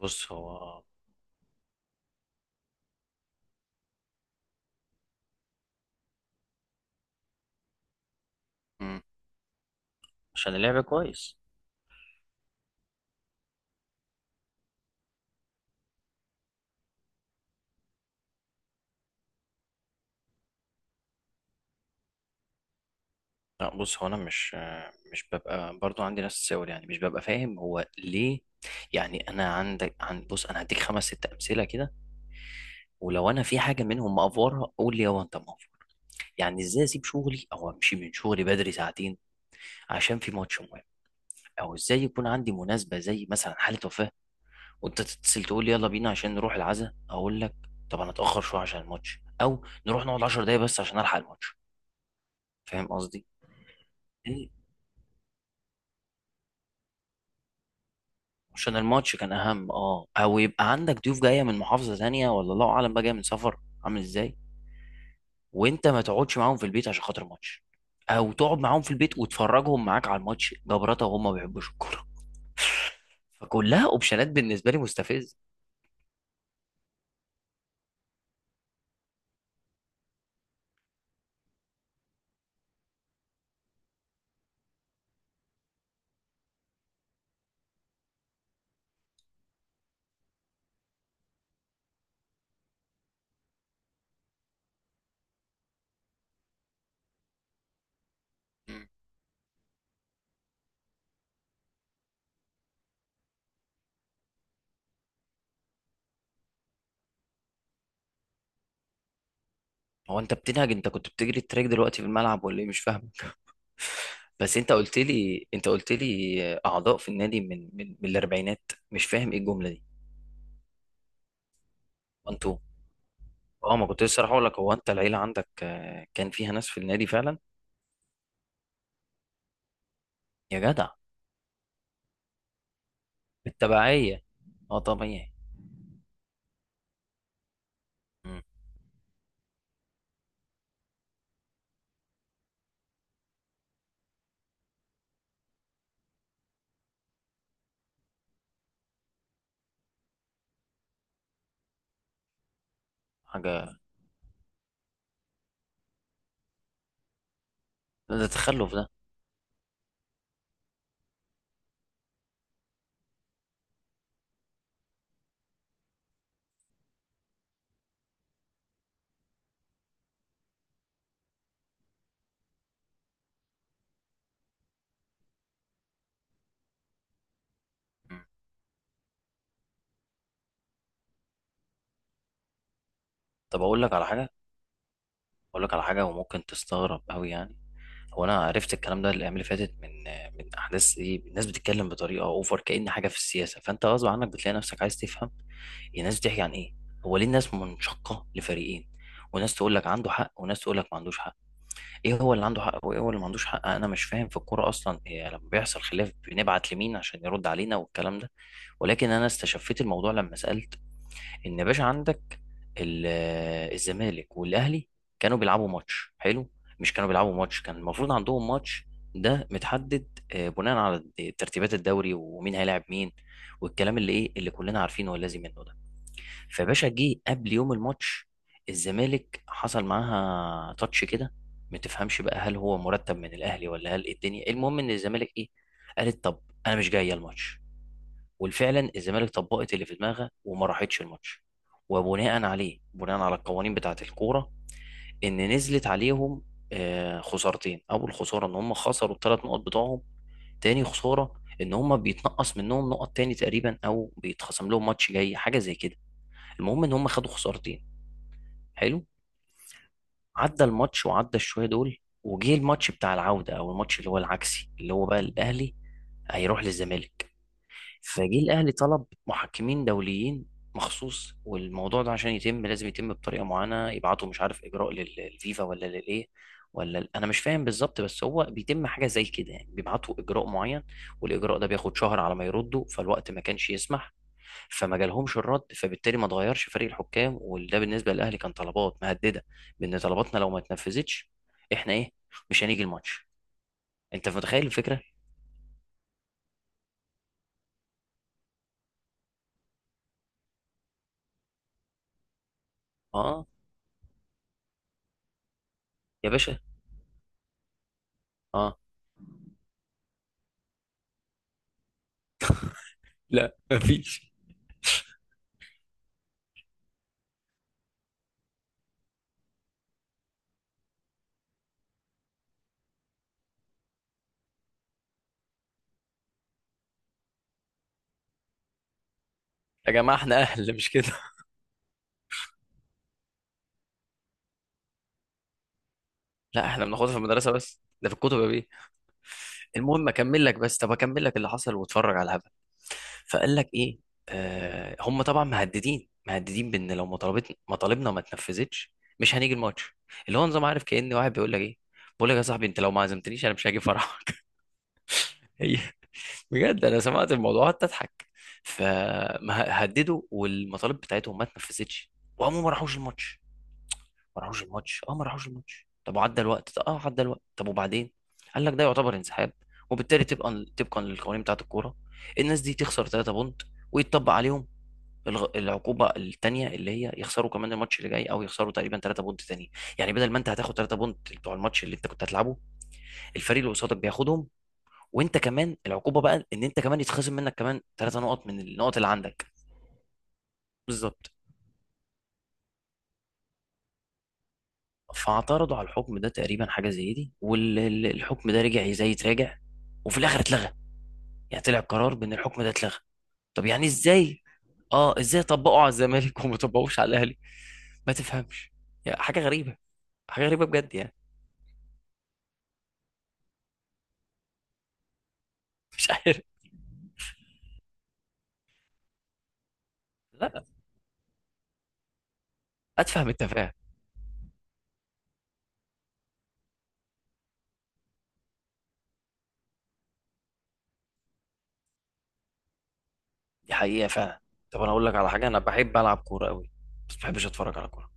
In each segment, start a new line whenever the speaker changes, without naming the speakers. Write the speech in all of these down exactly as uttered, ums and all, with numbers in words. بص هو. مم. عشان اللعب كويس. لا، بص، هو انا مش مش ببقى برضو عندي نفس السؤال، يعني مش ببقى فاهم هو ليه. يعني انا عندك عن، بص، انا هديك خمس ست امثله كده، ولو انا في حاجه منهم مقفورها قول لي هو انت مقفور. يعني ازاي اسيب شغلي او امشي من شغلي بدري ساعتين عشان في ماتش مهم؟ او ازاي يكون عندي مناسبه زي مثلا حاله وفاه، وانت تتصل تقول لي يلا بينا عشان نروح العزاء، اقول لك طب انا اتاخر شويه عشان الماتش، او نروح نقعد 10 دقايق بس عشان الحق الماتش. فاهم قصدي؟ إيه؟ عشان الماتش كان اهم، اه او يبقى عندك ضيوف جايه من محافظه تانية، ولا الله اعلم بقى جايه من سفر عامل ازاي، وانت ما تقعدش معاهم في البيت عشان خاطر ماتش، او تقعد معاهم في البيت وتفرجهم معاك على الماتش جبرته وهم ما بيحبوش الكوره. فكلها اوبشنات بالنسبه لي مستفز. هو انت بتنهج؟ انت كنت بتجري التراك دلوقتي في الملعب ولا ايه؟ مش فاهم. بس انت قلت لي، انت قلت لي اعضاء في النادي من من, من الاربعينات، مش فاهم ايه الجمله دي. انتوا، اه، ما كنت لسه رايح اقول لك، هو انت العيله عندك آه، كان فيها ناس في النادي فعلا؟ يا جدع. التبعية، اه طبيعي. مم. حاجة. ده تخلف ده. مم. طب أقول لك على حاجة. أقول لك على حاجة وممكن تستغرب أوي يعني. هو أنا عرفت الكلام ده الأيام اللي فاتت، من من أحداث إيه الناس بتتكلم بطريقة أوفر كأن حاجة في السياسة، فأنت غصب عنك بتلاقي نفسك عايز تفهم هي الناس بتحكي عن إيه، هو ليه الناس منشقة لفريقين، وناس تقول لك عنده حق وناس تقول لك ما عندوش حق. ايه هو اللي عنده حق وايه هو اللي ما عندوش حق؟ انا مش فاهم في الكوره اصلا. إيه لما بيحصل خلاف بنبعت لمين عشان يرد علينا والكلام ده؟ ولكن انا استشفيت الموضوع لما سالت. ان يا باشا عندك ال- الزمالك والاهلي كانوا بيلعبوا ماتش حلو. مش كانوا بيلعبوا ماتش، كان المفروض عندهم ماتش. ده متحدد آه، بناء على ترتيبات الدوري ومين هيلاعب مين والكلام اللي ايه اللي كلنا عارفينه واللازم منه ده. فباشا جه قبل يوم الماتش، الزمالك حصل معاها تاتش كده، ما تفهمش بقى هل هو مرتب من الاهلي ولا هل إيه الدنيا، المهم ان الزمالك ايه، قالت طب انا مش جايه الماتش. وفعلا الزمالك طبقت اللي في دماغها وما راحتش الماتش. وبناء عليه، بناء على القوانين بتاعه الكوره، ان نزلت عليهم آه، خسارتين. اول خساره ان هم خسروا الثلاث نقط بتوعهم. تاني خساره ان هم بيتنقص منهم نقط تاني تقريبا، او بيتخصم لهم ماتش جاي حاجه زي كده. المهم ان هم خدوا خسارتين. حلو. عدى الماتش وعدى الشويه دول، وجه الماتش بتاع العوده، او الماتش اللي هو العكسي اللي هو بقى الاهلي هيروح للزمالك. فجه الاهلي طلب محكمين دوليين مخصوص، والموضوع ده عشان يتم لازم يتم بطريقه معينه، يبعتوا مش عارف اجراء لل- للفيفا ولا للايه، ولا ال- انا مش فاهم بالظبط، بس هو بيتم حاجه زي كده. يعني بيبعتوا اجراء معين، والاجراء ده بياخد شهر على ما يردوا، فالوقت ما كانش يسمح. فما جالهمش الرد، فبالتالي ما اتغيرش فريق الحكام، وده بالنسبه للاهلي كان طلبات مهدده بان طلباتنا لو ما اتنفذتش احنا ايه، مش هنيجي الماتش. انت متخيل الفكره؟ اه يا باشا. اه. لا مفيش. يا جماعه احنا اهل مش كده. لا احنا بناخدها في المدرسه، بس ده في الكتب يا بيه. المهم اكمل لك بس، طب اكمل لك اللي حصل واتفرج على الهبل. فقال لك ايه؟ آه هم طبعا مهددين مهددين بان لو مطالبت مطالبنا ما اتنفذتش مش هنيجي الماتش. اللي هو نظام، عارف، كأن واحد بيقول لك ايه، بقول لك يا صاحبي انت لو ما عزمتنيش انا مش هاجي فرحك. هي، بجد انا سمعت الموضوع قعدت اضحك. فهددوا، والمطالب بتاعتهم ما اتنفذتش، وهم ما راحوش الماتش. ما راحوش الماتش، اه ما راحوش الماتش، طب وعدى الوقت، اه عدى الوقت، طب وبعدين؟ قال لك ده يعتبر انسحاب، وبالتالي تبقى طبقا للقوانين بتاعه الكوره الناس دي تخسر 3 بونت، ويتطبق عليهم الغ- العقوبه الثانيه اللي هي يخسروا كمان الماتش اللي جاي، او يخسروا تقريبا 3 بونت تاني. يعني بدل ما انت هتاخد 3 بونت بتوع الماتش اللي انت كنت هتلعبه، الفريق اللي قصادك بياخدهم، وانت كمان العقوبه بقى ان انت كمان يتخصم منك كمان 3 نقط من النقط اللي عندك. بالظبط. فاعترضوا على الحكم ده تقريبا، حاجه زي دي، والحكم ده رجع زي تراجع، وفي الاخر اتلغى. يعني طلع قرار بان الحكم ده اتلغى. طب يعني ازاي؟ اه ازاي طبقوا على الزمالك وما طبقوش على الاهلي؟ ما تفهمش. يعني حاجه غريبه، حاجه غريبه بجد يعني. مش عارف. لا اتفهم التفاهه. دي حقيقه فعلا. طب انا اقول لك على حاجه، انا بحب العب كوره قوي، بس ما بحبش اتفرج على كوره.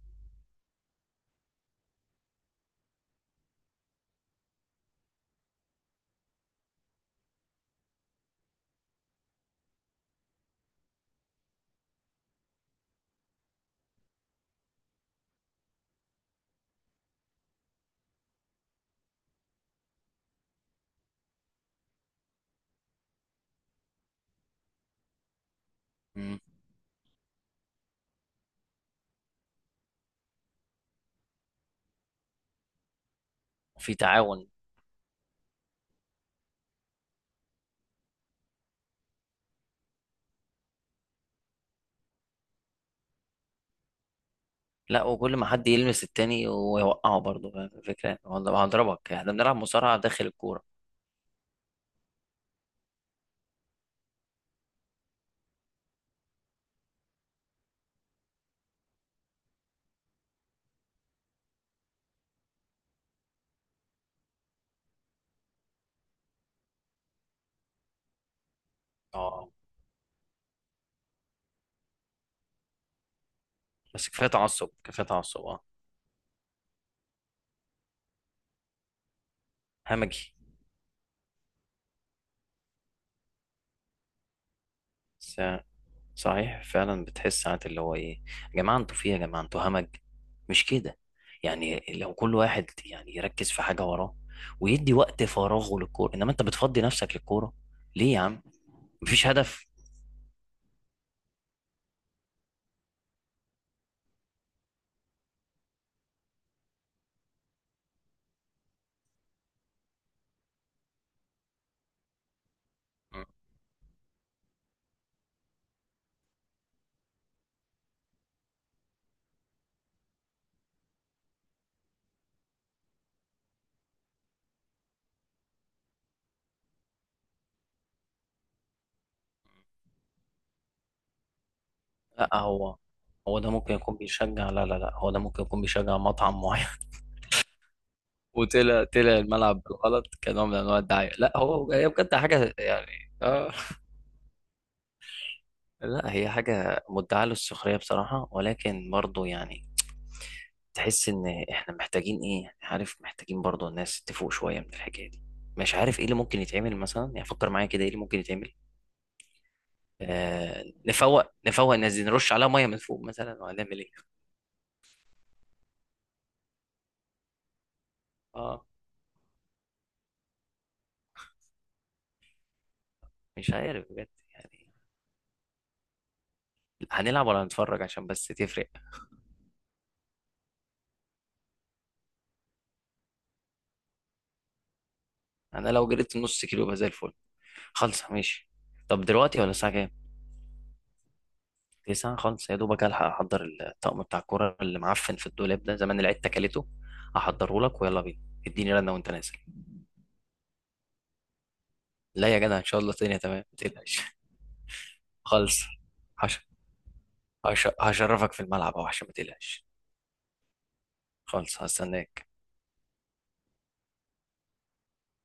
امم. وفي تعاون. لا، وكل ما حد يلمس التاني ويوقعه برضه، فاهم الفكره يعني؟ والله هضربك، احنا بنلعب مصارعه داخل الكوره. اه. بس كفايه تعصب، كفايه تعصب. اه همجي. س- صحيح فعلا، بتحس ساعات اللي هو ايه، يا جماعه انتوا في إيه، يا جماعه انتوا همج، مش كده؟ يعني لو كل واحد يعني يركز في حاجه وراه ويدي وقت فراغه للكوره، انما انت بتفضي نفسك للكوره ليه يا عم؟ مفيش هدف. م. لا هو، هو ده ممكن يكون بيشجع، لا لا لا، هو ده ممكن يكون بيشجع مطعم معين، وطلع طلع الملعب بالغلط كنوع من انواع الدعايه. لا هو هي بجد حاجه يعني، اه لا هي حاجة مدعاة للسخرية بصراحة. ولكن برضو يعني تحس ان احنا محتاجين ايه يعني، عارف، محتاجين برضو الناس تفوق شوية من الحكاية دي. مش عارف ايه اللي ممكن يتعمل مثلا، يعني فكر معايا كده ايه اللي ممكن يتعمل. آه نفوق نفوق الناس دي، نرش عليها مية من فوق مثلا؟ وهنعمل ايه؟ اه. مش عارف بجد يعني. هنلعب ولا هنتفرج؟ عشان بس تفرق. انا لو جريت نص كيلو يبقى زي الفل. خالصة، ماشي. طب دلوقتي، ولا الساعة كام؟ لسان خالص، يا دوبك الحق احضر الطقم بتاع الكوره اللي معفن في الدولاب ده، زمان العيد تكلته. احضره لك ويلا بينا. اديني رنه وانت نازل. لا يا جدع، ان شاء الله الدنيا تمام، ما تقلقش. خالص. هش... هش... هشرفك في الملعب اهو، عشان ما تقلقش. خالص، هستناك.